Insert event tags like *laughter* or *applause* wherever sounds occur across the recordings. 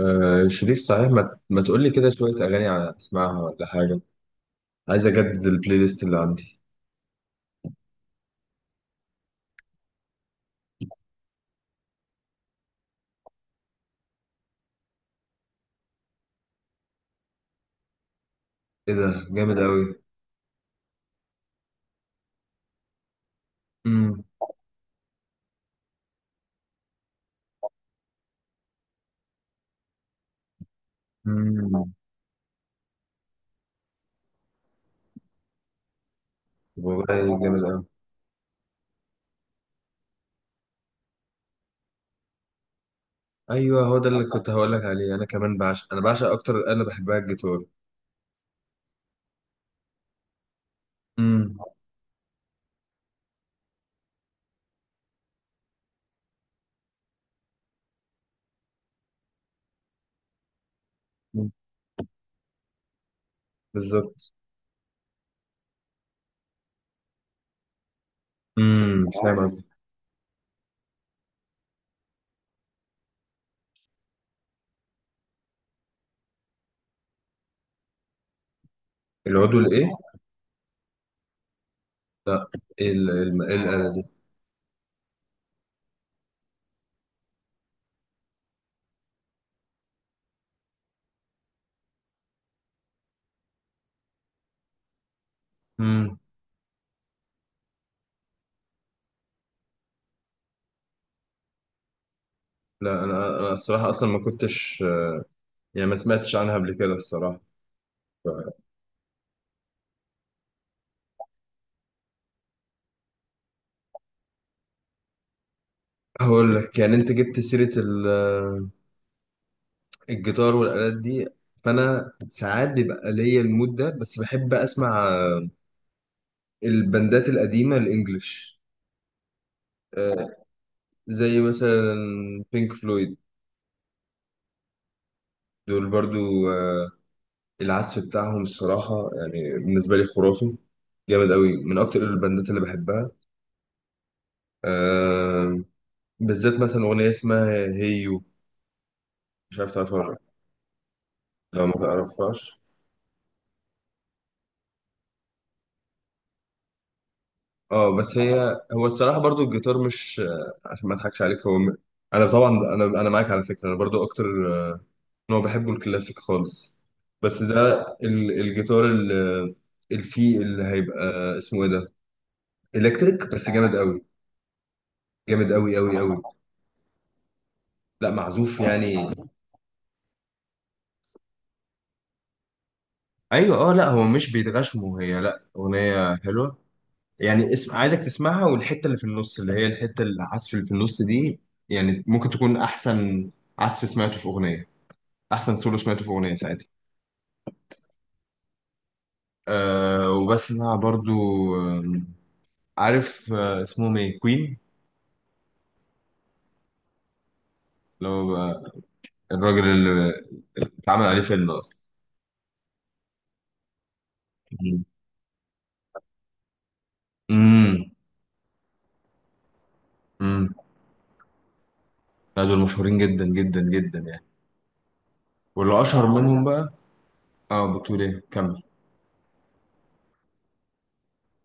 آه شريف، صحيح ما تقول لي كده شوية أغاني على أسمعها ولا حاجة؟ عايز أجدد البلاي ليست اللي عندي. إيه ده جامد أوي. أمم. أمم. والله جامد أوي. أيوه، هو ده اللي كنت هقول لك عليه. أنا كمان بعشق، أنا بعشق أكتر، أنا بحبها الجيتار. أمم. أمم، بالظبط. أمم، فاهم قصدي. العضو الإيه؟ لا. إيه ال- إيه الم- إيه الآلة دي؟ أمم. لا، أنا الصراحة أصلا ما كنتش، يعني ما سمعتش عنها قبل كده الصراحة. هقول لك، يعني أنت جبت سيرة الجيتار والآلات دي، فأنا ساعات بيبقى ليا المود ده، بس بحب أسمع البندات القديمة الإنجليش. آه، زي مثلا بينك فلويد. دول برضو العزف بتاعهم الصراحة يعني بالنسبة لي خرافي. جامد قوي، من أكتر البندات اللي بحبها. آه، بالذات مثلا أغنية اسمها هيو. مش عارف تعرفها ولا لأ. لو ما تعرفهاش، اه، بس هو الصراحه، برضو الجيتار، مش عشان ما اضحكش عليك، انا طبعا، انا معاك على فكره. انا برضو اكتر نوع بحبه الكلاسيك خالص. بس ده الجيتار الفي اللي هيبقى اسمه ايه ده، الكتريك، بس جامد قوي. جامد قوي قوي قوي. لا، معزوف يعني. ايوه، اه، لا، هو مش بيتغشموا، لا، اغنيه حلوه يعني. اسم عايزك تسمعها، والحته اللي في النص، اللي هي الحته العزف اللي في النص دي، يعني ممكن تكون احسن عزف سمعته في اغنيه، احسن سولو سمعته في اغنيه ساعتها. وبسمع برضو، آه، عارف اسمهم ايه، كوين. اللي هو بقى الراجل اللي اتعمل عليه فيلم اصلا. مم. امم. امم. لا، دول مشهورين جدا جدا جدا يعني. واللي اشهر منهم بقى، اه بتقول ايه، كمل.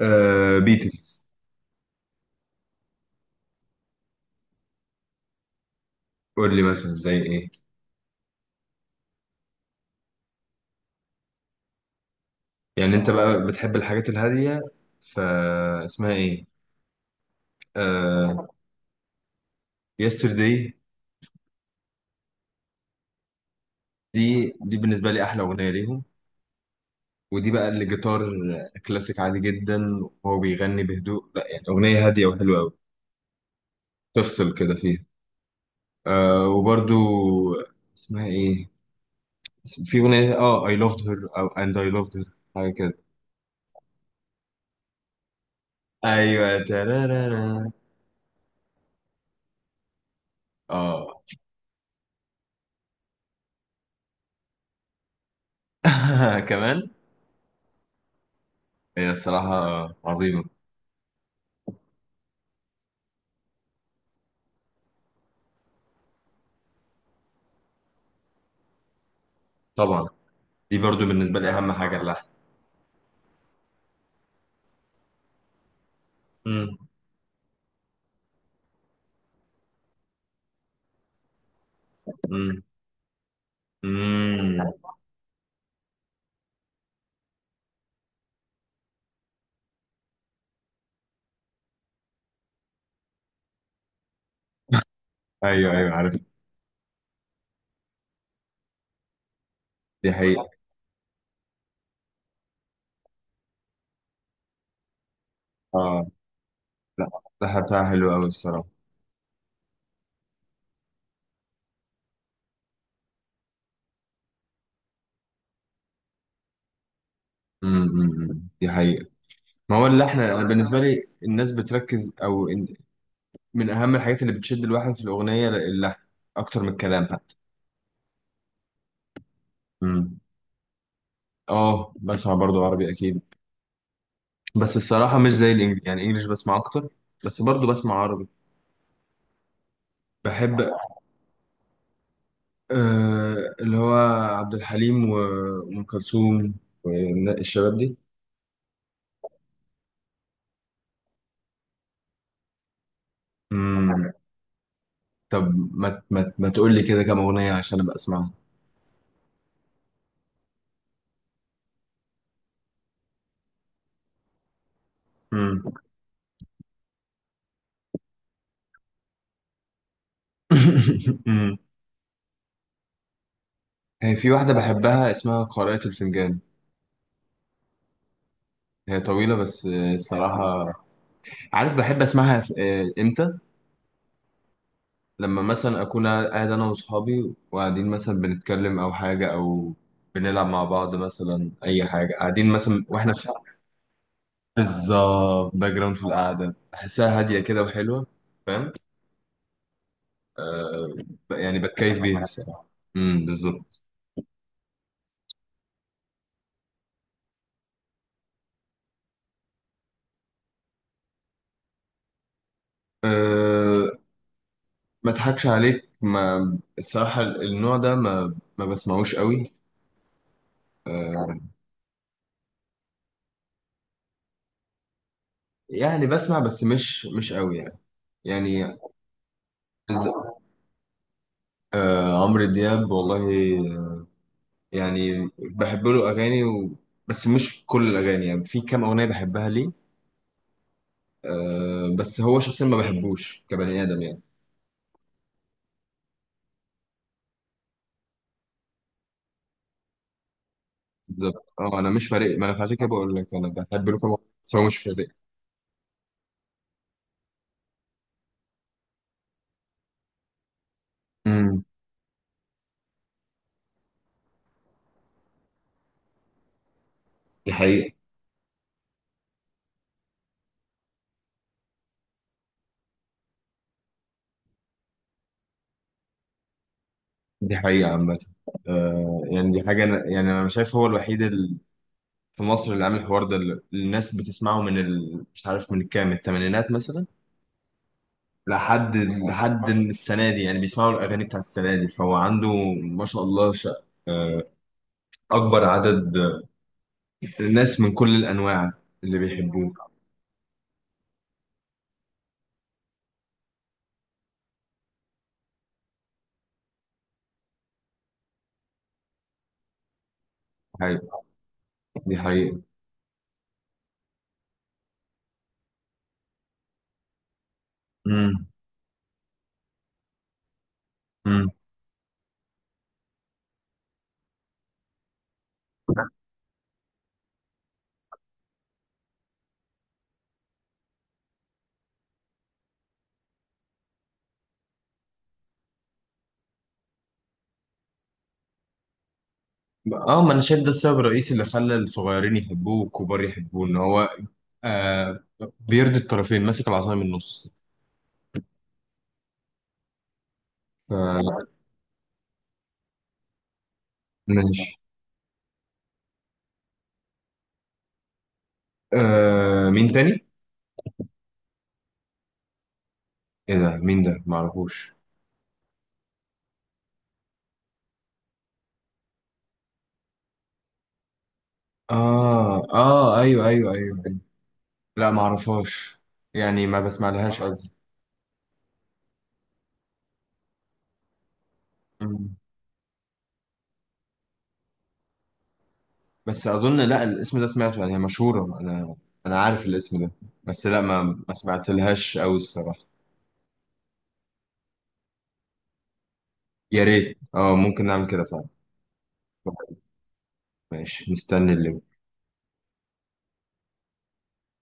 آه، بيتلز. قول لي مثلا زي ايه. يعني انت بقى بتحب الحاجات الهاديه، فاسمها ايه. آه، يسترداي. دي بالنسبه لي احلى اغنيه ليهم. ودي بقى اللي جيتار كلاسيك عادي جدا، وهو بيغني بهدوء، لا يعني أغنية هادية وحلوة أوي، تفصل كده فيها. وبرضو، اسمها إيه، في أغنية I loved her، أو and I loved her، حاجة كده. أيوة، ترارارا. آه *laughs* كمان. هي الصراحة عظيمة. طبعا، دي برضو بالنسبة لي أهم حاجة اللحن. مم. مم. مم. *laughs* ايوه، ايوه، عارف. دي حقيقة. اه لا، الحلقة بتاعها حلوة أوي الصراحة. أمم، أمم، أمم. دي حقيقة. ما هو اللي انا بالنسبه لي، الناس بتركز، او من اهم الحاجات اللي بتشد الواحد في الاغنيه اللحن، اكتر من الكلام حتى. امم. اه، بسمع برضو عربي اكيد. بس الصراحه مش زي الانجليزي، يعني انجليش بسمع اكتر، بس برضو بسمع عربي. بحب. آه، اللي هو عبد الحليم وام كلثوم والشباب دي. امم. طب، ما تقول لي كده كام اغنيه عشان ابقى اسمعها. امم. *laughs* أمم. هي في واحده بحبها اسمها قارئة الفنجان. هي طويلة، بس الصراحة، عارف، بحب اسمعها امتى؟ لما مثلا اكون قاعد انا واصحابي، وقاعدين مثلا بنتكلم او حاجة، او بنلعب مع بعض مثلا، اي حاجة، قاعدين مثلا واحنا في، بالظبط، باك جراوند في القعدة، بحسها هادية كده وحلوة. فاهم. يعني بتكيف بيها الصراحة. امم، بالظبط. أه، ما اضحكش عليك، ما الصراحة النوع ده ما بسمعوش قوي. يعني بسمع بس مش قوي يعني. يعني عمرو دياب، والله يعني بحب له اغاني و، بس مش كل الاغاني، يعني في كام اغنيه بحبها ليه. آه، بس هو شخصيا ما بحبوش كبني ادم يعني. بالظبط، اه، انا مش فارق. ما انا عشان كده بقول لك انا بحب له كام أغنية، بس هو مش فارق. امم. دي حقيقه. دي حقيقه عامه. آه يعني دي حاجه. أنا يعني انا شايف هو الوحيد في مصر اللي عامل الحوار ده، اللي الناس بتسمعه من مش عارف من كام، الثمانينات مثلا، لحد السنة دي. يعني بيسمعوا الأغاني بتاع السنة دي، فهو عنده ما شاء الله آه، أكبر عدد الناس من كل الأنواع اللي بيحبوه. حقيقة. دي حقيقة. امم. امم. اه، ما انا شايف ده السبب الرئيسي اللي خلى الصغيرين يحبوه والكبار يحبوه، ان هو آه، بيرضي الطرفين، ماسك العصاية من النص. ف- ماشي. آه، مين تاني؟ ايه ده؟ مين ده؟ معرفوش. اه، اه، ايوه، ايوه، ايوه. لا، معرفهاش، يعني ما بسمع لهاش. مم. بس اظن، لا، الاسم ده سمعته، يعني هي مشهوره، انا عارف الاسم ده، بس لا، ما سمعتلهاش قوي الصراحه. يا ريت، اه، ممكن نعمل كده فعلا. طيب، ماشي، مستني اللي